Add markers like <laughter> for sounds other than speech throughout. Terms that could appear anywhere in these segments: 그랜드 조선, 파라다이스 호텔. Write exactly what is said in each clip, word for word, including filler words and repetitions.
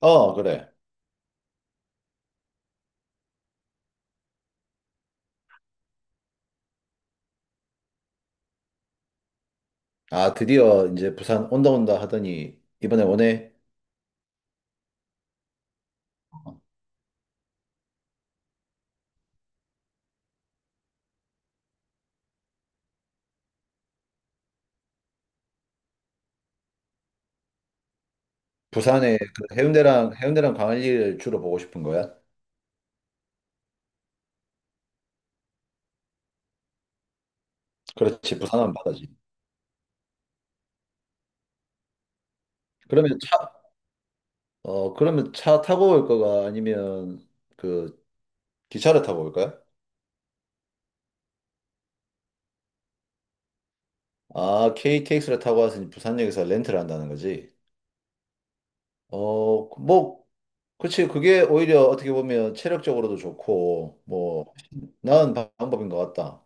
어, 그래. 아, 드디어 이제 부산 온다 온다 하더니 이번에 오네. 부산에 그 해운대랑 해운대랑 광안리를 주로 보고 싶은 거야? 그렇지, 부산은 바다지. 그러면 차, 어, 그러면 차 타고 올 거가 아니면 그 기차를 타고 올 거야? 아, 케이티엑스를 타고 와서 이제 부산역에서 렌트를 한다는 거지. 어, 뭐, 그치, 그게 오히려 어떻게 보면 체력적으로도 좋고, 뭐, 나은 방법인 것 같다.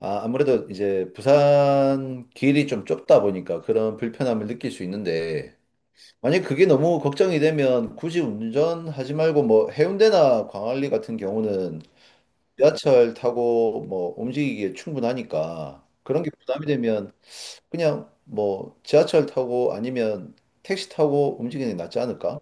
아, 아무래도 이제 부산 길이 좀 좁다 보니까 그런 불편함을 느낄 수 있는데, 만약 그게 너무 걱정이 되면 굳이 운전하지 말고 뭐 해운대나 광안리 같은 경우는 지하철 타고 뭐 움직이기에 충분하니까 그런 게 부담이 되면 그냥 뭐 지하철 타고 아니면 택시 타고 움직이는 게 낫지 않을까?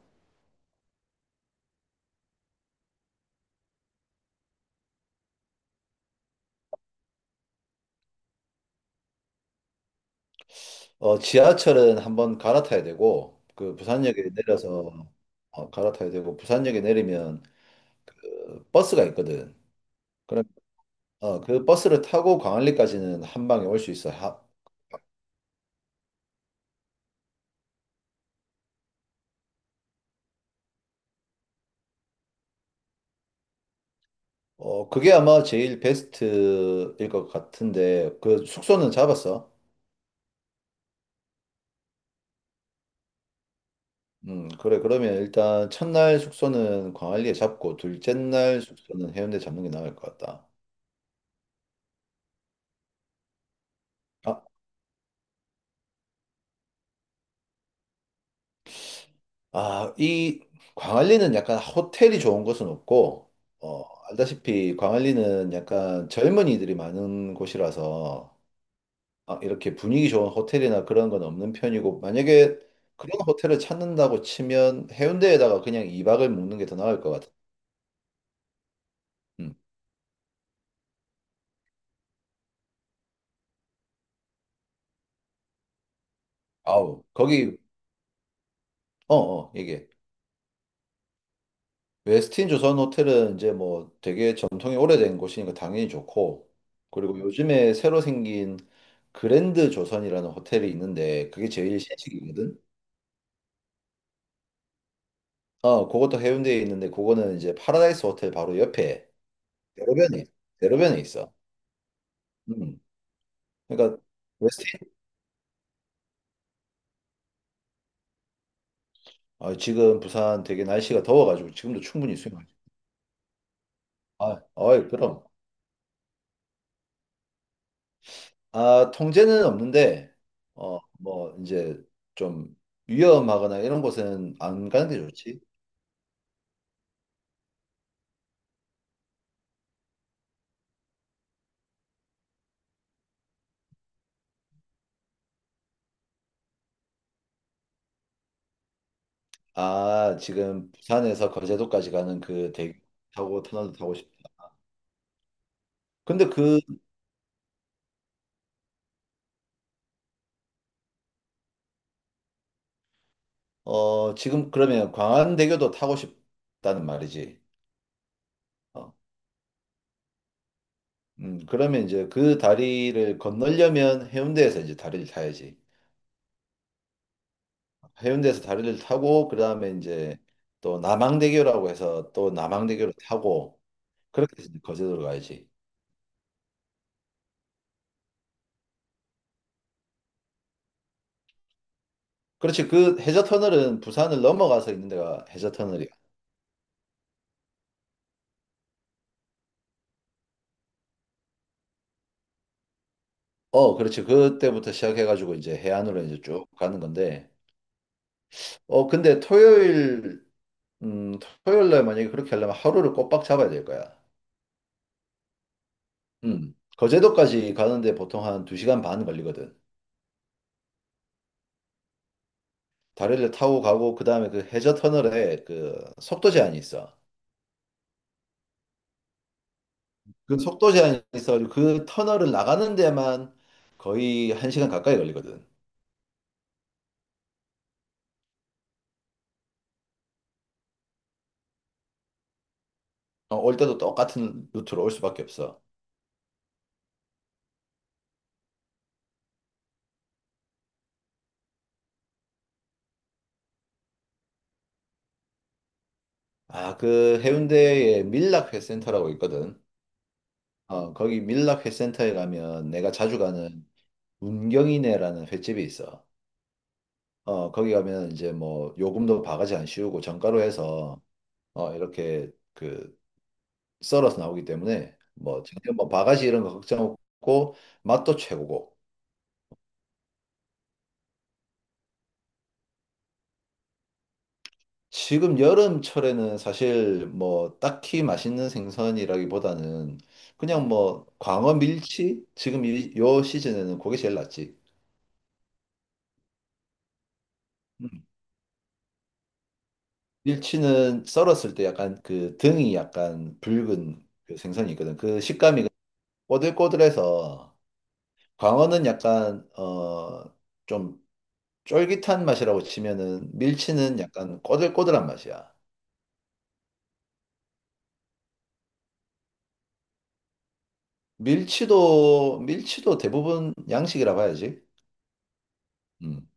어, 지하철은 한번 갈아타야 되고, 그 부산역에 내려서 어, 갈아타야 되고, 부산역에 내리면 그 버스가 있거든. 어, 그 버스를 타고 광안리까지는 한 방에 올 수 있어. 하, 어, 그게 아마 제일 베스트일 것 같은데, 그 숙소는 잡았어? 음, 그래. 그러면 일단 첫날 숙소는 광안리에 잡고, 둘째 날 숙소는 해운대 잡는 게 나을 것 같다. 아, 아, 이 광안리는 약간 호텔이 좋은 곳은 없고, 어, 알다시피 광안리는 약간 젊은이들이 많은 곳이라서, 아, 이렇게 분위기 좋은 호텔이나 그런 건 없는 편이고, 만약에 그런 호텔을 찾는다고 치면 해운대에다가 그냥 이 박을 묵는 게 더 나을 것 같아. 음. 아우, 거기, 어, 어, 이게. 웨스틴 조선 호텔은 이제 뭐 되게 전통이 오래된 곳이니까 당연히 좋고, 그리고 요즘에 새로 생긴 그랜드 조선이라는 호텔이 있는데, 그게 제일 신식이거든? 어, 그것도 해운대에 있는데, 그거는 이제 파라다이스 호텔 바로 옆에 대로변에, 대로변에 있어. 음. 그러니까 아, 지금 부산 되게 날씨가 더워가지고 지금도 충분히 수영하죠. 아, 어이, 그럼. 아, 통제는 없는데, 어, 뭐, 이제 좀 위험하거나 이런 곳은 안 가는 게 좋지. 아, 지금 부산에서 거제도까지 가는 그 대교 타고 터널도 타고 싶다. 근데 그, 어, 지금 그러면 광안대교도 타고 싶다는 말이지. 어, 음, 그러면 이제 그 다리를 건너려면 해운대에서 이제 다리를 타야지. 해운대에서 다리를 타고 그다음에 이제 또 남항대교라고 해서 또 남항대교를 타고 그렇게 해서 이제 거제도로 가야지. 그렇지. 그 해저 터널은 부산을 넘어가서 있는 데가 해저 터널이야. 어, 그렇지. 그때부터 시작해 가지고 이제 해안으로 이제 쭉 가는 건데. 어, 근데 토요일 음, 토요일 날 만약에 그렇게 하려면 하루를 꼬박 잡아야 될 거야. 음. 거제도까지 가는데 보통 한 두 시간 반 걸리거든. 다리를 타고 가고 그다음에 그 해저 터널에 그 속도 제한이 있어. 그 속도 제한이 있어가지고 그 터널을 나가는 데만 거의 한 시간 가까이 걸리거든. 어, 올 때도 똑같은 루트로 올 수밖에 없어. 아, 그 해운대에 밀락회센터라고 있거든. 어, 거기 밀락회센터에 가면 내가 자주 가는 운경이네라는 횟집이 있어. 어, 거기 가면 이제 뭐 요금도 바가지 안 씌우고 정가로 해서 어, 이렇게 그 썰어서 나오기 때문에 뭐 전혀 뭐 바가지 이런 거 걱정 없고 맛도 최고고. 지금 여름철에는 사실 뭐 딱히 맛있는 생선이라기보다는 그냥 뭐 광어 밀치? 지금 이, 요 시즌에는 그게 제일 낫지. 음. 밀치는 썰었을 때 약간 그 등이 약간 붉은 그 생선이 있거든. 그 식감이 꼬들꼬들해서 광어는 약간 어 좀 쫄깃한 맛이라고 치면은 밀치는 약간 꼬들꼬들한 맛이야. 밀치도 밀치도 대부분 양식이라 봐야지. 음.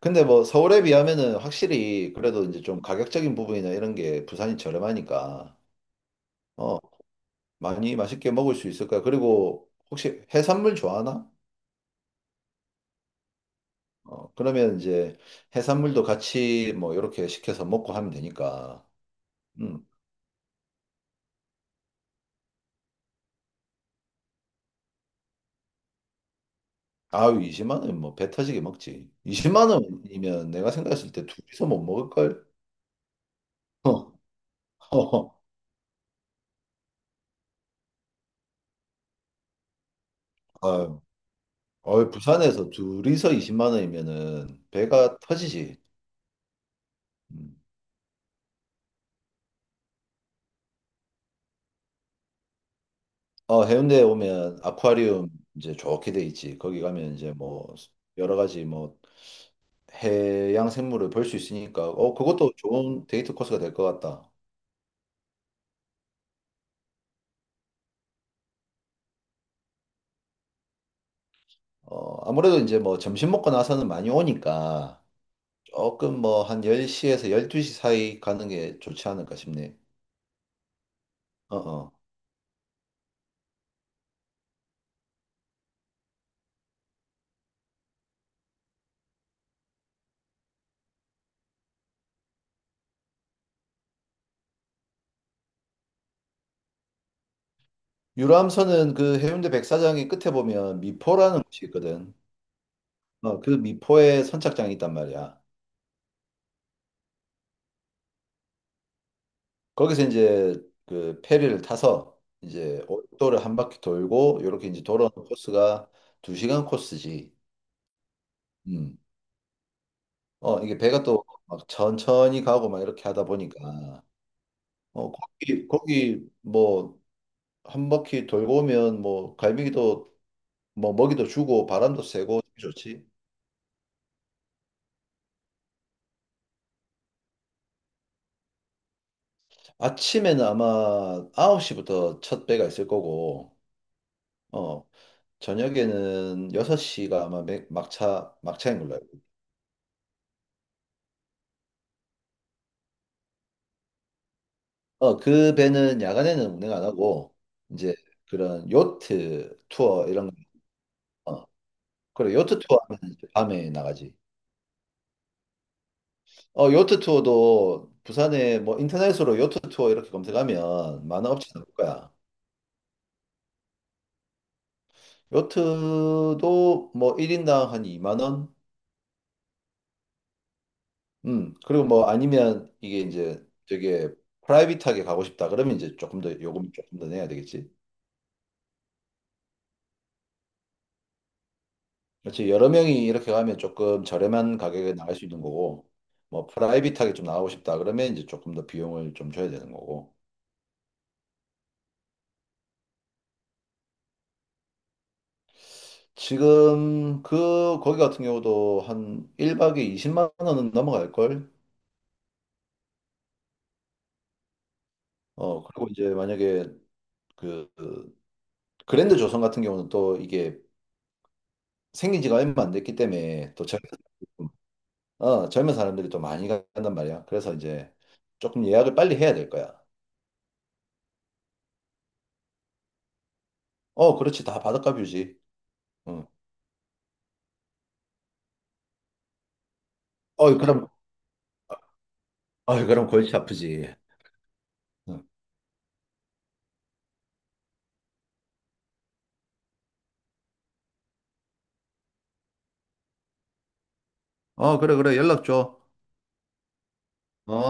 근데 뭐 서울에 비하면은 확실히 그래도 이제 좀 가격적인 부분이나 이런 게 부산이 저렴하니까 어 많이 맛있게 먹을 수 있을 거야. 그리고 혹시 해산물 좋아하나? 어 그러면 이제 해산물도 같이 뭐 이렇게 시켜서 먹고 하면 되니까. 음. 아유 이십만 원 뭐배 터지게 먹지. 이십만 원이면 내가 생각했을 때 둘이서 못 먹을 걸? 어. <laughs> 어. 아유, 어이, 부산에서 둘이서 이십만 원이면은 배가 터지지. 음. 어, 해운대에 오면 아쿠아리움 이제 좋게 돼 있지. 거기 가면 이제 뭐 여러 가지 뭐 해양 생물을 볼 수 있으니까 어, 그것도 좋은 데이트 코스가 될 것 같다. 어, 아무래도 이제 뭐 점심 먹고 나서는 많이 오니까 조금 뭐 한 열 시에서 열두 시 사이 가는 게 좋지 않을까 싶네. 어, 어. 유람선은 그 해운대 백사장의 끝에 보면 미포라는 곳이 있거든. 어, 그 미포에 선착장이 있단 말이야. 거기서 이제 그 페리를 타서 이제 오도를 한 바퀴 돌고 요렇게 이제 돌아오는 코스가 두 시간 코스지. 음. 어, 이게 배가 또 막 천천히 가고 막 이렇게 하다 보니까 어, 거기 거기 뭐 한 바퀴 돌고 오면 뭐 갈매기도 뭐 먹이도 주고 바람도 쐬고 좋지. 아침에는 아마 아홉 시부터 첫 배가 있을 거고 어, 저녁에는 여섯 시가 아마 맥- 막차 막차인 걸로 알고 어, 그 배는 야간에는 운행 안 하고 이제 그런 요트 투어 이런 거. 어, 그래 요트 투어 하면 이제 밤에 나가지. 어, 요트 투어도 부산에 뭐 인터넷으로 요트 투어 이렇게 검색하면 많은 업체 나올 거야. 요트도 뭐 일 인당 한 이만 원? 음, 그리고 뭐 아니면 이게 이제 되게 프라이빗하게 가고 싶다 그러면 이제 조금 더 요금 조금 더 내야 되겠지. 그렇지. 여러 명이 이렇게 가면 조금 저렴한 가격에 나갈 수 있는 거고, 뭐 프라이빗하게 좀 나가고 싶다 그러면 이제 조금 더 비용을 좀 줘야 되는 거고. 지금 그 거기 같은 경우도 한 일 박에 이십만 원은 넘어갈 걸. 어, 그리고 이제 만약에 그그 그랜드 조선 같은 경우는 또 이게 생긴 지가 얼마 안 됐기 때문에 또 젊은, 어, 젊은 사람들이 또 많이 간단 말이야. 그래서 이제 조금 예약을 빨리 해야 될 거야. 어, 그렇지. 다 바닷가 뷰지. 응. 어, 그럼 아, 그럼 골치 아프지. 어, 그래, 그래. 연락 줘. 어.